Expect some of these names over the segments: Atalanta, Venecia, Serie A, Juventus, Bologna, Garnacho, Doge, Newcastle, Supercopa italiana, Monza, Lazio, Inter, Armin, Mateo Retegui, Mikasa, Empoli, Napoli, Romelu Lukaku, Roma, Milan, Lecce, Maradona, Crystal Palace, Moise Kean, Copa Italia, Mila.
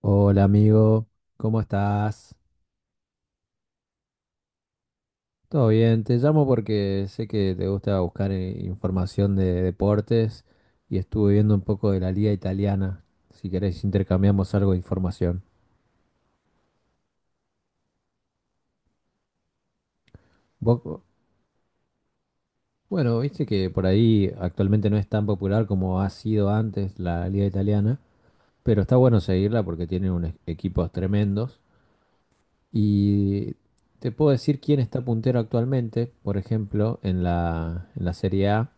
Hola amigo, ¿cómo estás? ¿Todo bien? Te llamo porque sé que te gusta buscar información de deportes y estuve viendo un poco de la liga italiana. Si querés intercambiamos algo de información. Vos- bueno, viste que por ahí actualmente no es tan popular como ha sido antes la liga italiana, pero está bueno seguirla porque tiene unos equipos tremendos. Y te puedo decir quién está puntero actualmente, por ejemplo, en la Serie A.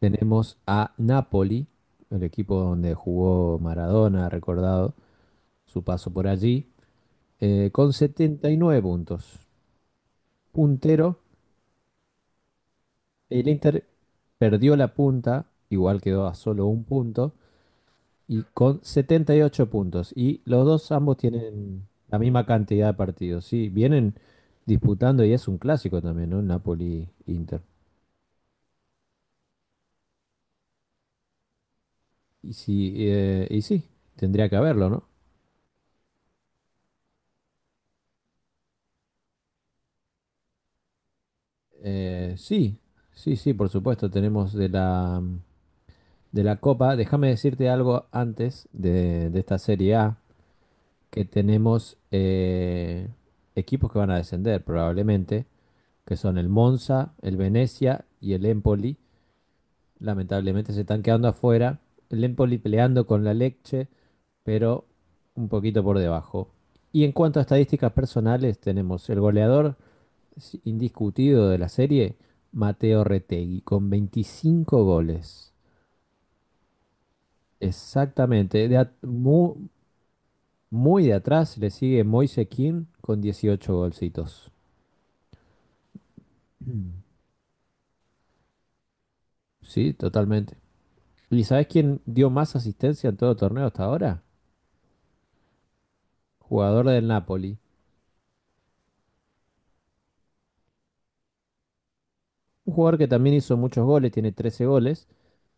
Tenemos a Napoli, el equipo donde jugó Maradona, recordado su paso por allí, con 79 puntos. Puntero, el Inter perdió la punta, igual quedó a solo un punto, y con 78 puntos. Y los dos ambos tienen la misma cantidad de partidos, ¿sí? Vienen disputando y es un clásico también, ¿no? Napoli-Inter. Y, sí, eh, y sí, Tendría que haberlo, ¿no? Sí, sí, sí, por supuesto. Tenemos de la Copa. Déjame decirte algo antes de esta Serie A, que tenemos equipos que van a descender probablemente, que son el Monza, el Venecia y el Empoli. Lamentablemente se están quedando afuera. El Empoli peleando con la Lecce, pero un poquito por debajo. Y en cuanto a estadísticas personales, tenemos el goleador indiscutido de la serie, Mateo Retegui, con 25 goles. Exactamente. De at- mu- muy, De atrás le sigue Moise Kean con 18 golcitos. Sí, totalmente. ¿Y sabes quién dio más asistencia en todo torneo hasta ahora? Jugador del Napoli. Un jugador que también hizo muchos goles, tiene 13 goles,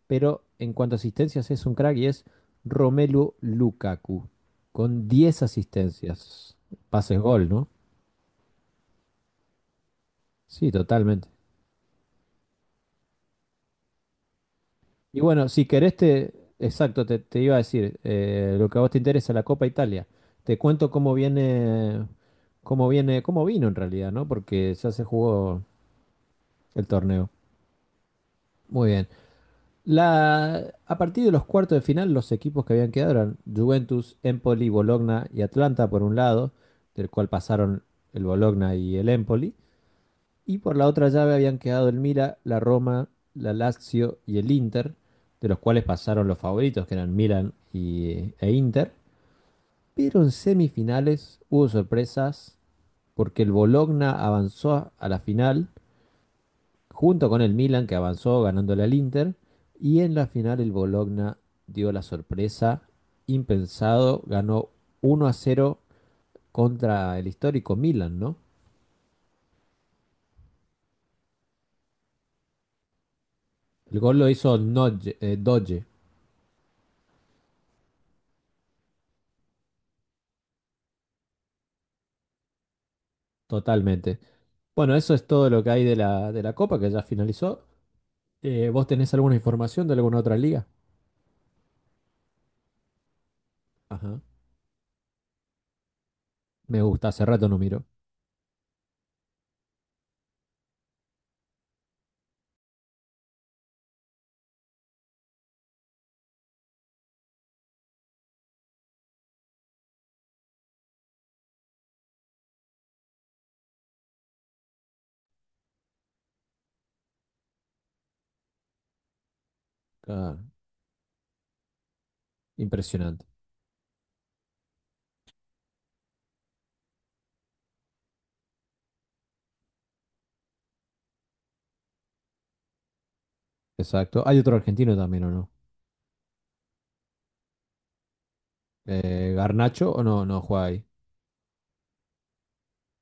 pero en cuanto a asistencias es un crack y es Romelu Lukaku, con 10 asistencias. Pases gol, ¿no? Sí, totalmente. Y bueno, si querés, exacto, te iba a decir, lo que a vos te interesa, la Copa Italia. Te cuento cómo viene, cómo vino en realidad, ¿no? Porque ya se jugó el torneo. Muy bien. A partir de los cuartos de final, los equipos que habían quedado eran Juventus, Empoli, Bologna y Atlanta por un lado, del cual pasaron el Bologna y el Empoli. Y por la otra llave habían quedado el Mila, la Roma, la Lazio y el Inter, de los cuales pasaron los favoritos, que eran Milan e Inter. Pero en semifinales hubo sorpresas porque el Bologna avanzó a la final junto con el Milan, que avanzó ganándole al Inter. Y en la final el Bologna dio la sorpresa, impensado, ganó 1-0 contra el histórico Milan, ¿no? El gol lo hizo Doge, totalmente. Bueno, eso es todo lo que hay de la Copa, que ya finalizó. ¿Vos tenés alguna información de alguna otra liga? Ajá. Me gusta, hace rato no miro. Ah, impresionante. Exacto. ¿Hay otro argentino también o no? ¿Garnacho o no? No juega ahí.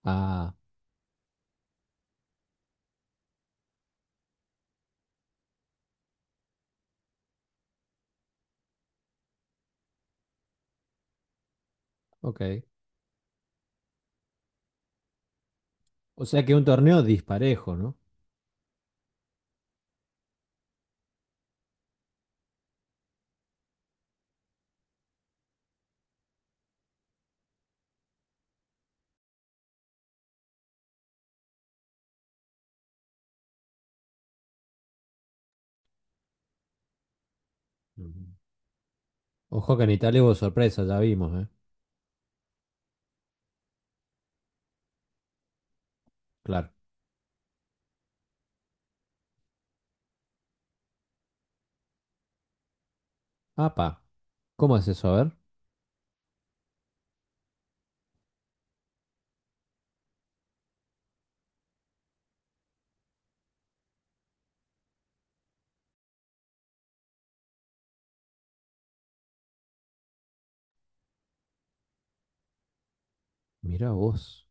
Ah, ok. O sea que un torneo disparejo, ¿no? Ujú. Ojo que en Italia hubo sorpresa, ya vimos, ¿eh? Claro. Apa, ¿cómo es eso? A ver. Mirá vos.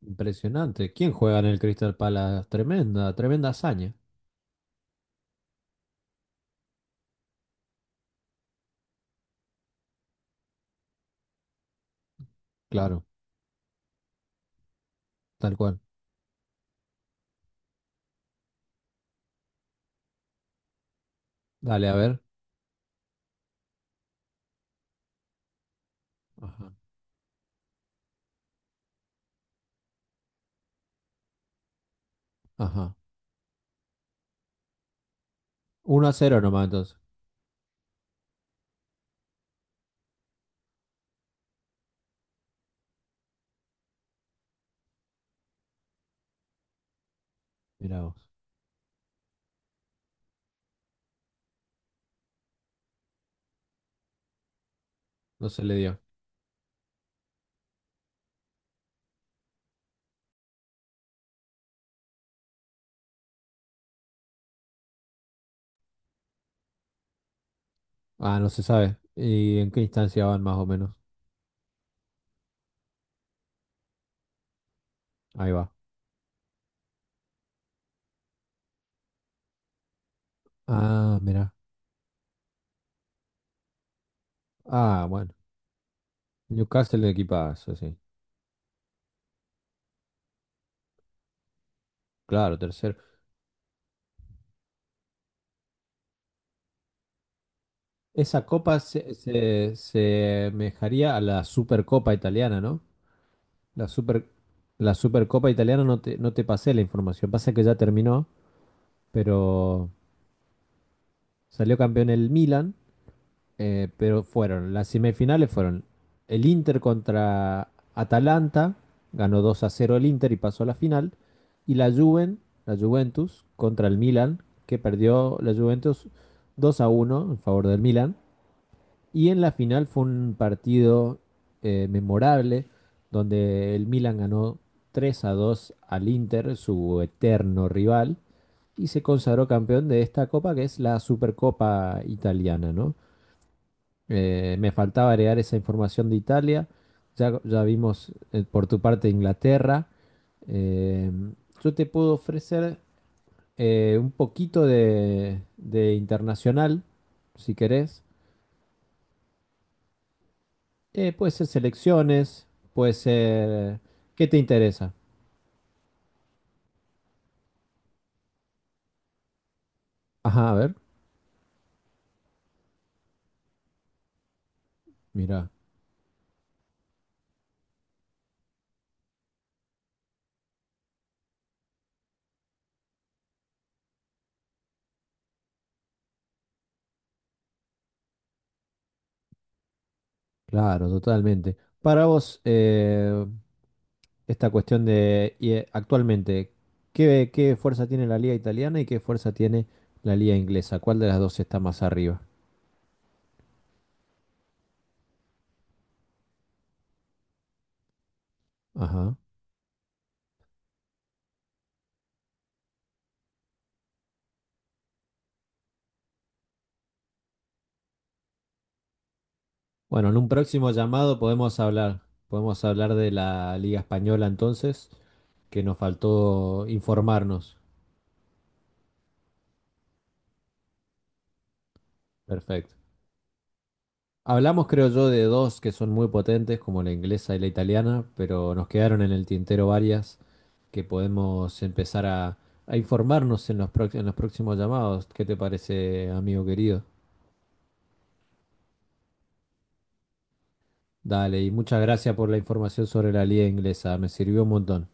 Impresionante. ¿Quién juega en el Crystal Palace? Tremenda, tremenda hazaña. Claro, tal cual. Dale, a ver. Ajá, ajá. Uno a 0 nomás entonces. Mirá vos. No se le dio. Ah, no se sabe. ¿Y en qué instancia van más o menos? Ahí va. Ah, mirá. Ah, bueno. Newcastle de equipazo, sí. Claro, tercero. Esa copa se asemejaría a la Supercopa italiana, ¿no? La super, la Supercopa italiana no te pasé la información. Pasa que ya terminó, pero salió campeón el Milan. Pero fueron, las semifinales fueron el Inter contra Atalanta, ganó 2-0 el Inter y pasó a la final, y la Juven, la Juventus contra el Milan, que perdió la Juventus 2-1 en favor del Milan, y en la final fue un partido memorable donde el Milan ganó 3-2 al Inter, su eterno rival, y se consagró campeón de esta copa que es la Supercopa italiana, ¿no? Me faltaba agregar esa información de Italia. Ya vimos por tu parte Inglaterra. Eh, yo te puedo ofrecer un poquito de internacional, si querés. Puede ser selecciones, puede ser... ¿Qué te interesa? Ajá, a ver, mira. Claro, totalmente. Para vos, esta cuestión actualmente, ¿qué fuerza tiene la liga italiana y qué fuerza tiene la liga inglesa? ¿Cuál de las dos está más arriba? Ajá. Bueno, en un próximo llamado podemos hablar de la liga española entonces, que nos faltó informarnos. Perfecto. Hablamos, creo yo, de dos que son muy potentes, como la inglesa y la italiana, pero nos quedaron en el tintero varias que podemos empezar a informarnos en en los próximos llamados. ¿Qué te parece, amigo querido? Dale, y muchas gracias por la información sobre la liga inglesa, me sirvió un montón.